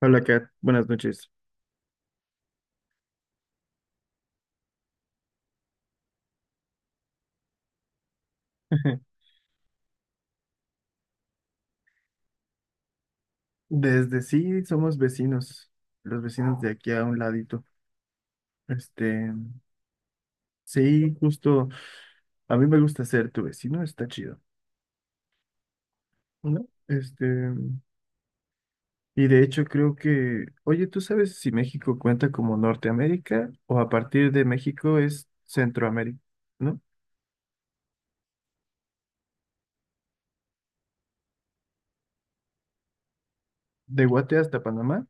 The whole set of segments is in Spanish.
Hola, Kat. Buenas noches. Desde sí, somos vecinos, los vecinos de aquí a un ladito. Este, sí, justo, a mí me gusta ser tu vecino, está chido, ¿no? Y de hecho creo que, oye, ¿tú sabes si México cuenta como Norteamérica o a partir de México es Centroamérica, ¿no? De Guate hasta Panamá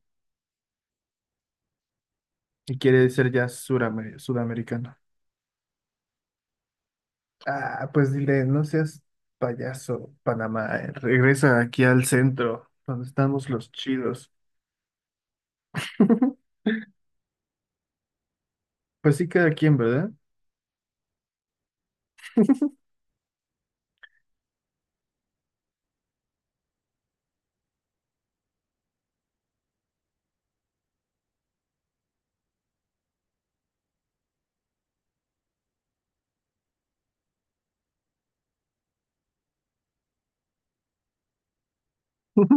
y quiere ser ya sudamericano. Ah, pues dile, no seas payaso, Panamá. Regresa aquí al centro, donde estamos los chidos. Pues sí, cada quien, ¿verdad?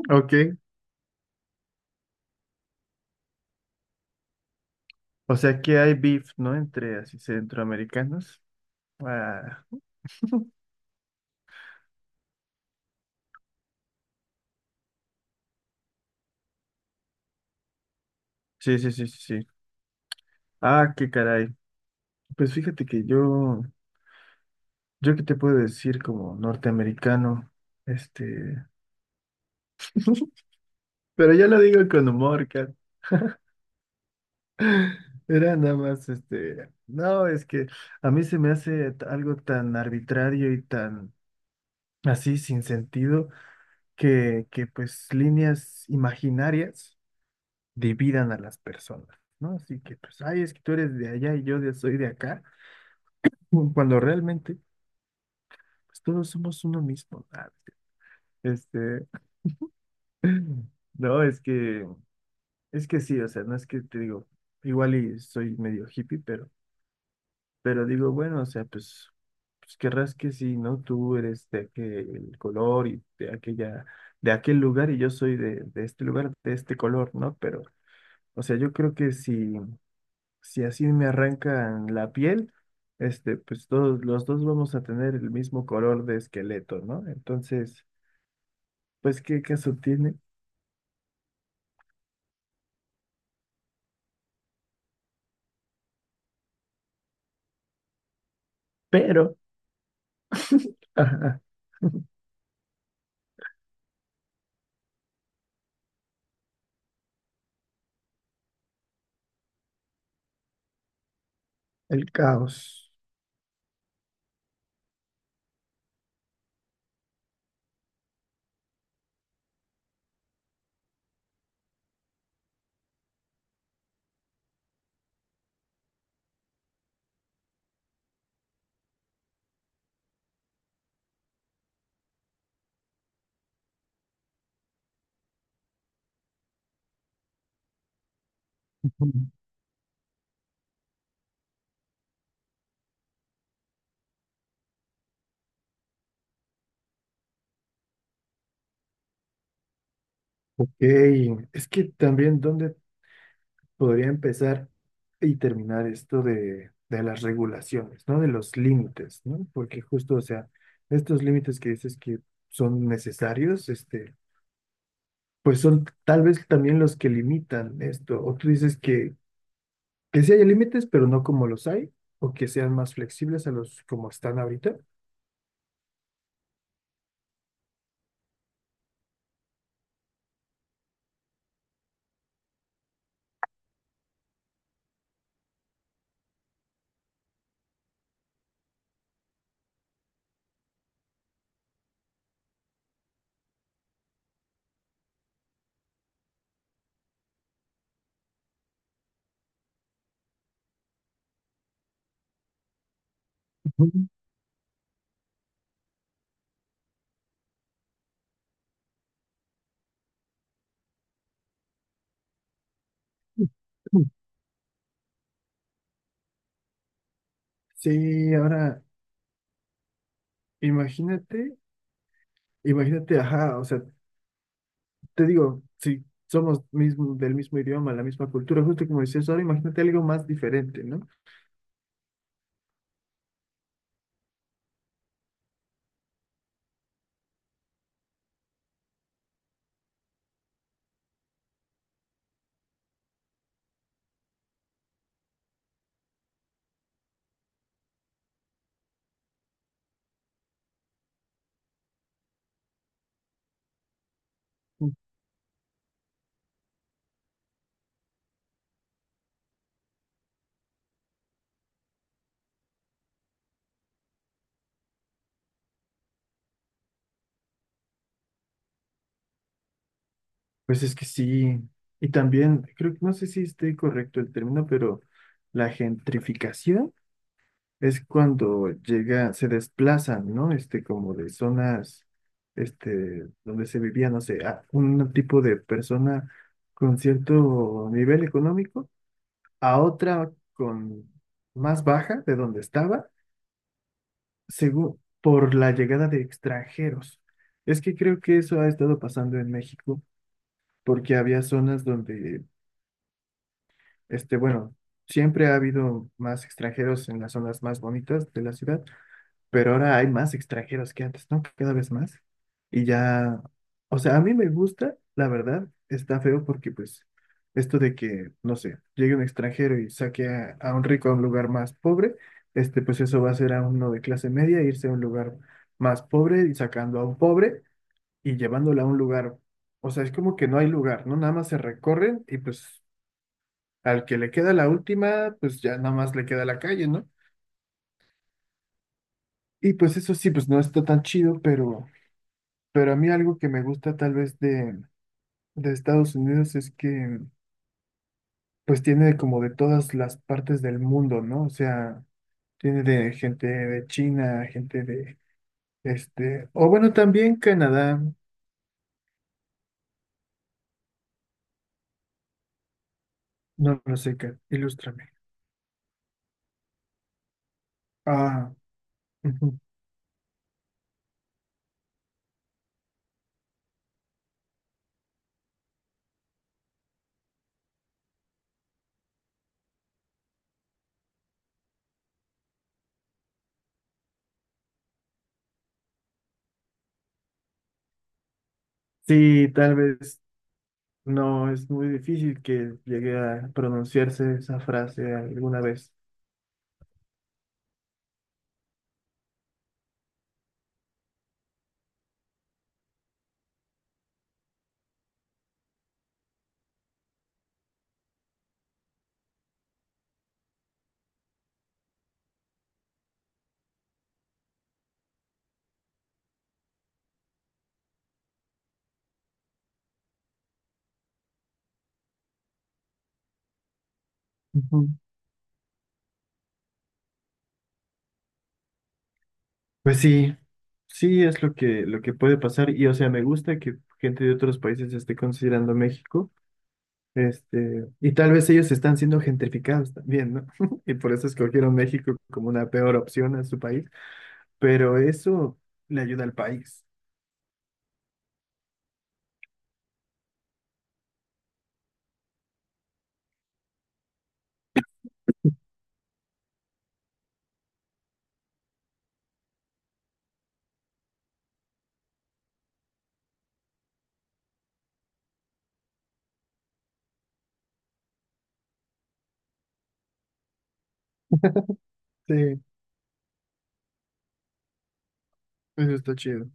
Ok. ¿O sea que hay beef, ¿no? Entre así centroamericanos. Ah, sí, sí, sí, sí, sí. Ah, qué caray. Pues fíjate que yo qué te puedo decir como norteamericano, este, pero ya lo digo con humor, Kat. Era nada más, no, es que a mí se me hace algo tan arbitrario y tan así sin sentido que pues líneas imaginarias dividan a las personas, ¿no? Así que pues, ay, es que tú eres de allá y soy de acá, cuando realmente pues todos somos uno mismo. Este, no, es que sí, o sea, no es que te digo, igual y soy medio hippie, pero digo, bueno, o sea, pues, pues querrás que sí, ¿no? Tú eres de aquel color y de aquella, de aquel lugar y yo soy de este lugar, de este color, ¿no? Pero, o sea, yo creo que si, si así me arrancan la piel, pues todos, los dos vamos a tener el mismo color de esqueleto, ¿no? Entonces, pues, ¿qué caso tiene? Pero, ajá, el caos. Ujú. Ok, es que también, ¿dónde podría empezar y terminar esto de las regulaciones, ¿no? De los límites, ¿no? Porque justo, o sea, estos límites que dices que son necesarios, pues son tal vez también los que limitan esto. O tú dices que sí hay límites, pero no como los hay, o que sean más flexibles a los como están ahorita. Ujú. Sí, ahora imagínate, imagínate, ajá, o sea, te digo, si somos mismo, del mismo idioma, la misma cultura, justo como decías ahora, imagínate algo más diferente, ¿no? Pues es que sí, y también, creo que no sé si estoy correcto el término, pero la gentrificación es cuando llega, se desplazan, ¿no? Como de zonas, donde se vivía, no sé, a un tipo de persona con cierto nivel económico a otra con más baja de donde estaba según por la llegada de extranjeros. Es que creo que eso ha estado pasando en México porque había zonas donde, bueno, siempre ha habido más extranjeros en las zonas más bonitas de la ciudad, pero ahora hay más extranjeros que antes, ¿no? Cada vez más. Y ya, o sea, a mí me gusta, la verdad, está feo porque pues esto de que, no sé, llegue un extranjero y saque a un rico a un lugar más pobre, pues eso va a ser a uno de clase media, irse a un lugar más pobre y sacando a un pobre y llevándolo a un lugar, o sea, es como que no hay lugar, ¿no? Nada más se recorren y pues al que le queda la última, pues ya nada más le queda la calle, ¿no? Y pues eso sí, pues no está tan chido, pero... Pero a mí algo que me gusta tal vez de Estados Unidos es que pues tiene como de todas las partes del mundo, ¿no? O sea, tiene de gente de China, gente de o bueno, también Canadá, no lo sé, Kat, ilústrame. Ah, ujú. Sí, tal vez no, es muy difícil que llegue a pronunciarse esa frase alguna vez. Pues sí, sí es lo lo que puede pasar y o sea, me gusta que gente de otros países esté considerando México, y tal vez ellos están siendo gentrificados también, ¿no? Y por eso escogieron México como una peor opción a su país, pero eso le ayuda al país. Sí, eso está chido.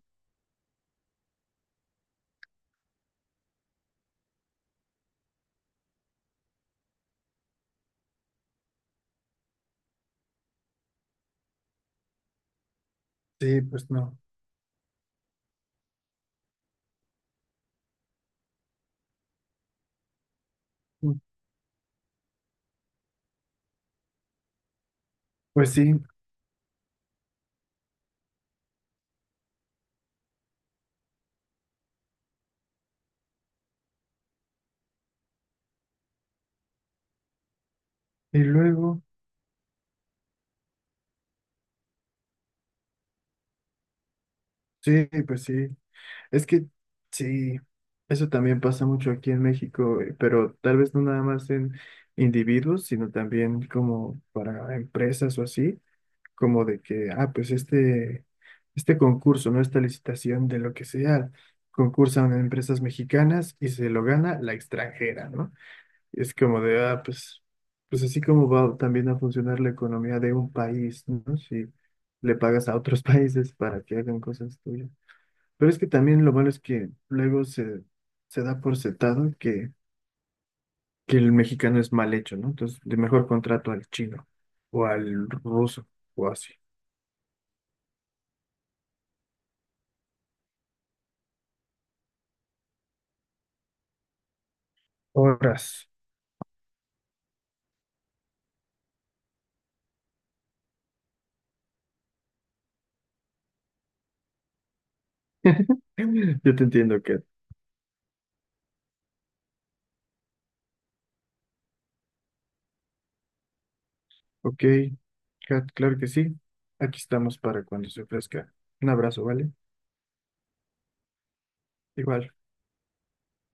Sí, pues no. Mm, pues sí, y luego, sí, pues sí. Es que sí, eso también pasa mucho aquí en México, pero tal vez no nada más en individuos, sino también como para empresas o así, como de que, ah, pues este concurso, ¿no? Esta licitación de lo que sea, concursan empresas mexicanas y se lo gana la extranjera, ¿no? Es como de, ah, pues, pues así como va también a funcionar la economía de un país, ¿no? Si le pagas a otros países para que hagan cosas tuyas. Pero es que también lo malo es que luego se da por sentado que el mexicano es mal hecho, ¿no? Entonces, de mejor contrato al chino o al ruso o así. Horas. Yo te entiendo, Kat. Ok, Kat, claro que sí. Aquí estamos para cuando se ofrezca. Un abrazo, ¿vale? Igual.